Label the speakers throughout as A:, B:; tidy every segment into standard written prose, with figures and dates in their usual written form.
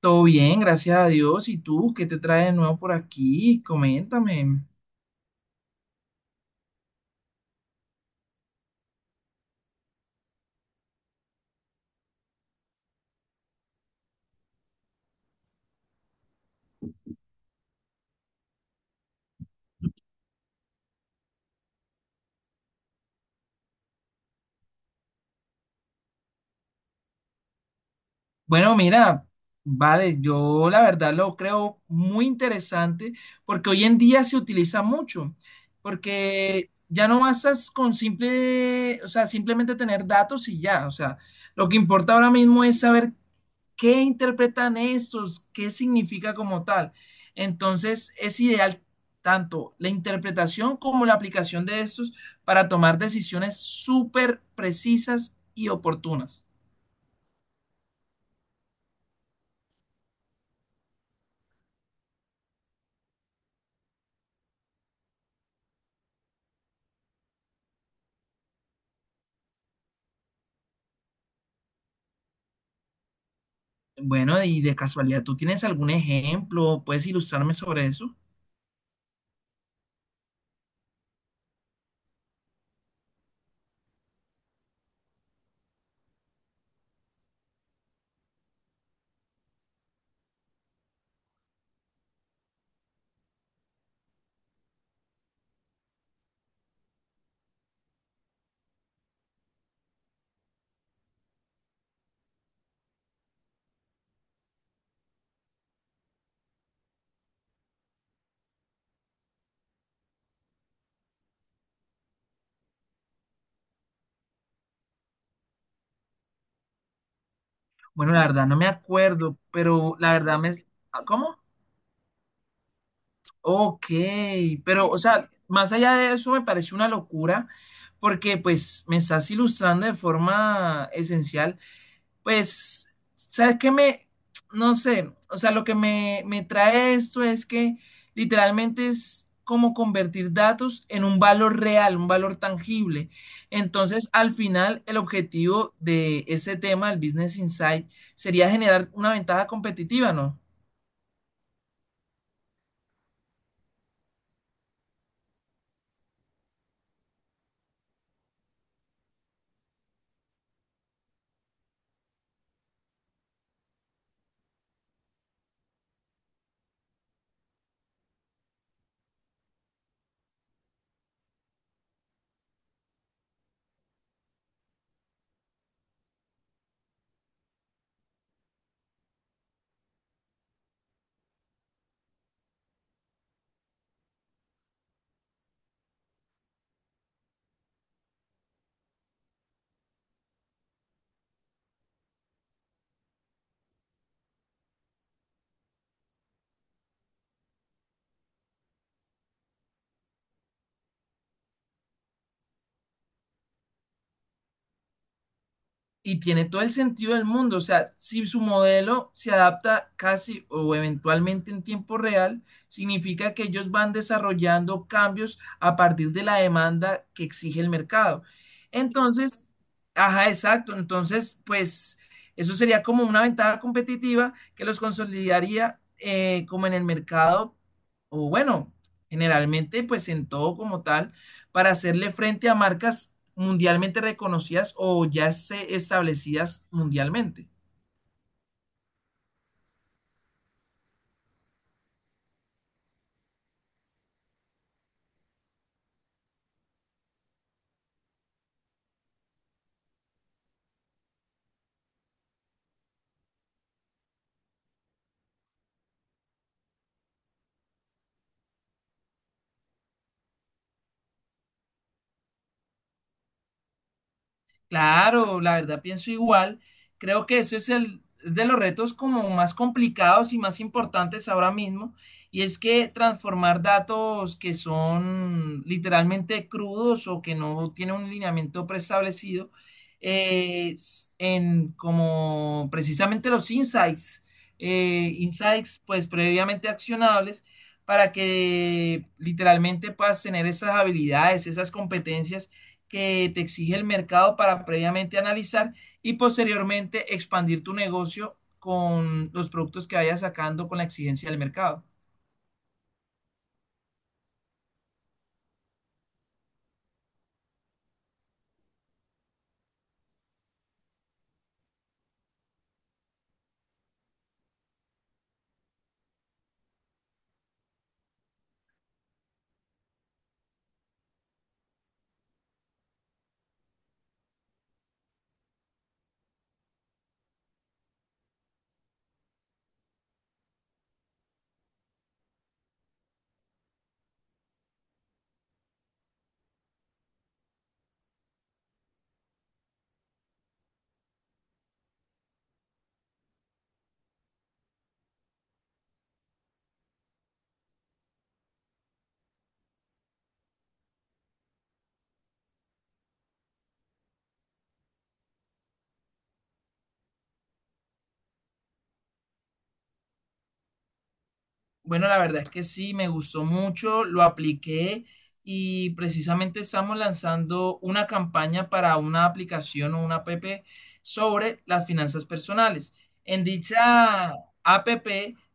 A: Todo bien, gracias a Dios. ¿Y tú qué te trae de nuevo por aquí? Coméntame. Bueno, mira, vale, yo la verdad lo creo muy interesante porque hoy en día se utiliza mucho, porque ya no bastas con simple, o sea, simplemente tener datos y ya, o sea, lo que importa ahora mismo es saber. ¿Qué interpretan estos? ¿Qué significa como tal? Entonces, es ideal tanto la interpretación como la aplicación de estos para tomar decisiones súper precisas y oportunas. Bueno, y de casualidad, ¿tú tienes algún ejemplo? ¿Puedes ilustrarme sobre eso? Bueno, la verdad no me acuerdo, pero la verdad me... ¿Ah, cómo? Ok, pero o sea, más allá de eso me parece una locura porque pues me estás ilustrando de forma esencial. Pues, ¿sabes qué me, no sé, o sea, lo que me trae esto es que literalmente es como convertir datos en un valor real, un valor tangible? Entonces, al final, el objetivo de ese tema, el Business Insight, sería generar una ventaja competitiva, ¿no? Y tiene todo el sentido del mundo. O sea, si su modelo se adapta casi o eventualmente en tiempo real, significa que ellos van desarrollando cambios a partir de la demanda que exige el mercado. Entonces, ajá, exacto. Entonces, pues eso sería como una ventaja competitiva que los consolidaría como en el mercado, o bueno, generalmente pues en todo como tal, para hacerle frente a marcas mundialmente reconocidas o ya se establecidas mundialmente. Claro, la verdad pienso igual. Creo que ese es el es de los retos como más complicados y más importantes ahora mismo, y es que transformar datos que son literalmente crudos o que no tienen un lineamiento preestablecido en como precisamente los insights, insights pues previamente accionables para que literalmente puedas tener esas habilidades, esas competencias que te exige el mercado para previamente analizar y posteriormente expandir tu negocio con los productos que vayas sacando con la exigencia del mercado. Bueno, la verdad es que sí, me gustó mucho, lo apliqué y precisamente estamos lanzando una campaña para una aplicación o una app sobre las finanzas personales. En dicha app,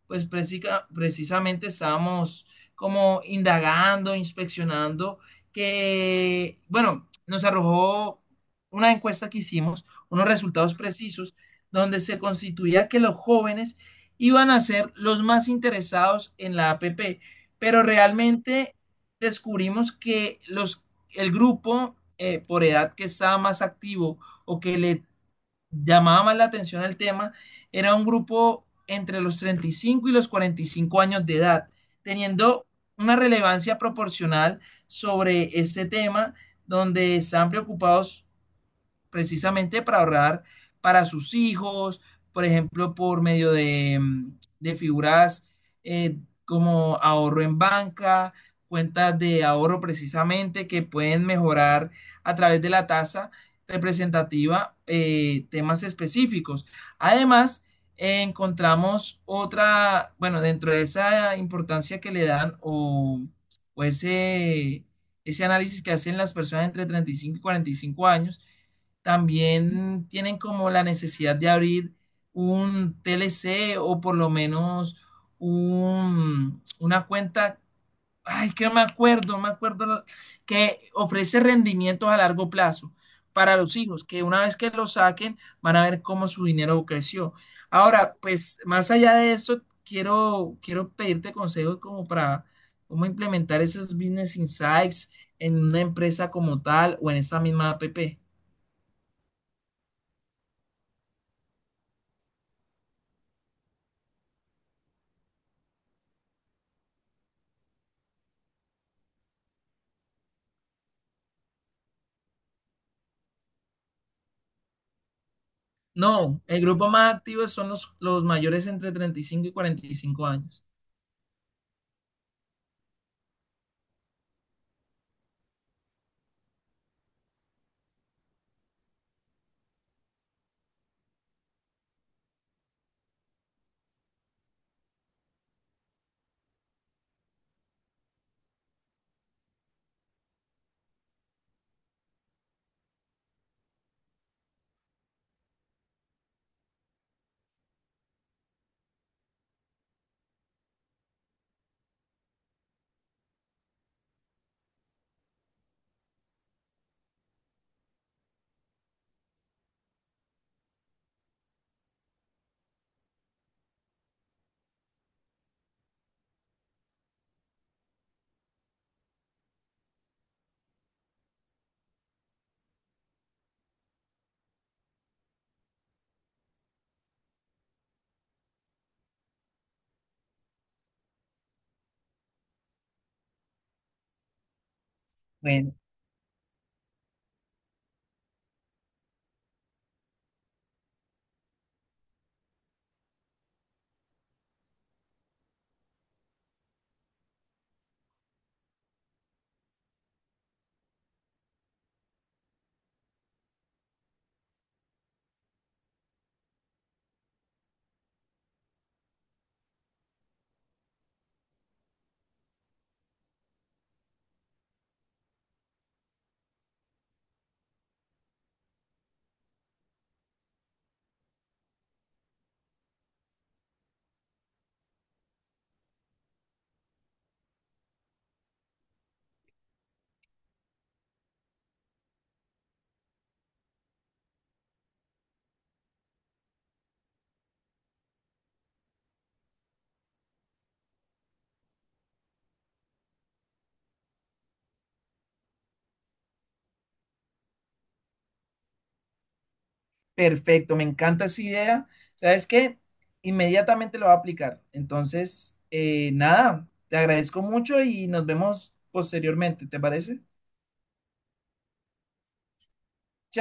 A: pues precisamente estábamos como indagando, inspeccionando, que, bueno, nos arrojó una encuesta que hicimos, unos resultados precisos, donde se constituía que los jóvenes iban a ser los más interesados en la APP, pero realmente descubrimos que el grupo por edad que estaba más activo o que le llamaba más la atención al tema era un grupo entre los 35 y los 45 años de edad, teniendo una relevancia proporcional sobre este tema donde están preocupados precisamente para ahorrar para sus hijos, por ejemplo, por medio de, de figuras eh, como ahorro en banca, cuentas de ahorro precisamente que pueden mejorar a través de la tasa representativa, temas específicos. Además, encontramos otra, bueno, dentro de esa importancia que le dan o ese análisis que hacen las personas entre 35 y 45 años, también tienen como la necesidad de abrir un TLC o por lo menos un, una cuenta, ay, que no me acuerdo, no me acuerdo, la- que ofrece rendimientos a largo plazo para los hijos, que una vez que lo saquen van a ver cómo su dinero creció. Ahora, pues más allá de eso, quiero pedirte consejos como para cómo implementar esos business insights en una empresa como tal o en esa misma app. No, el grupo más activo son los mayores entre 35 y 45 años. Bueno, perfecto, me encanta esa idea. ¿Sabes qué? Inmediatamente lo voy a aplicar. Entonces, nada, te agradezco mucho y nos vemos posteriormente, ¿te parece?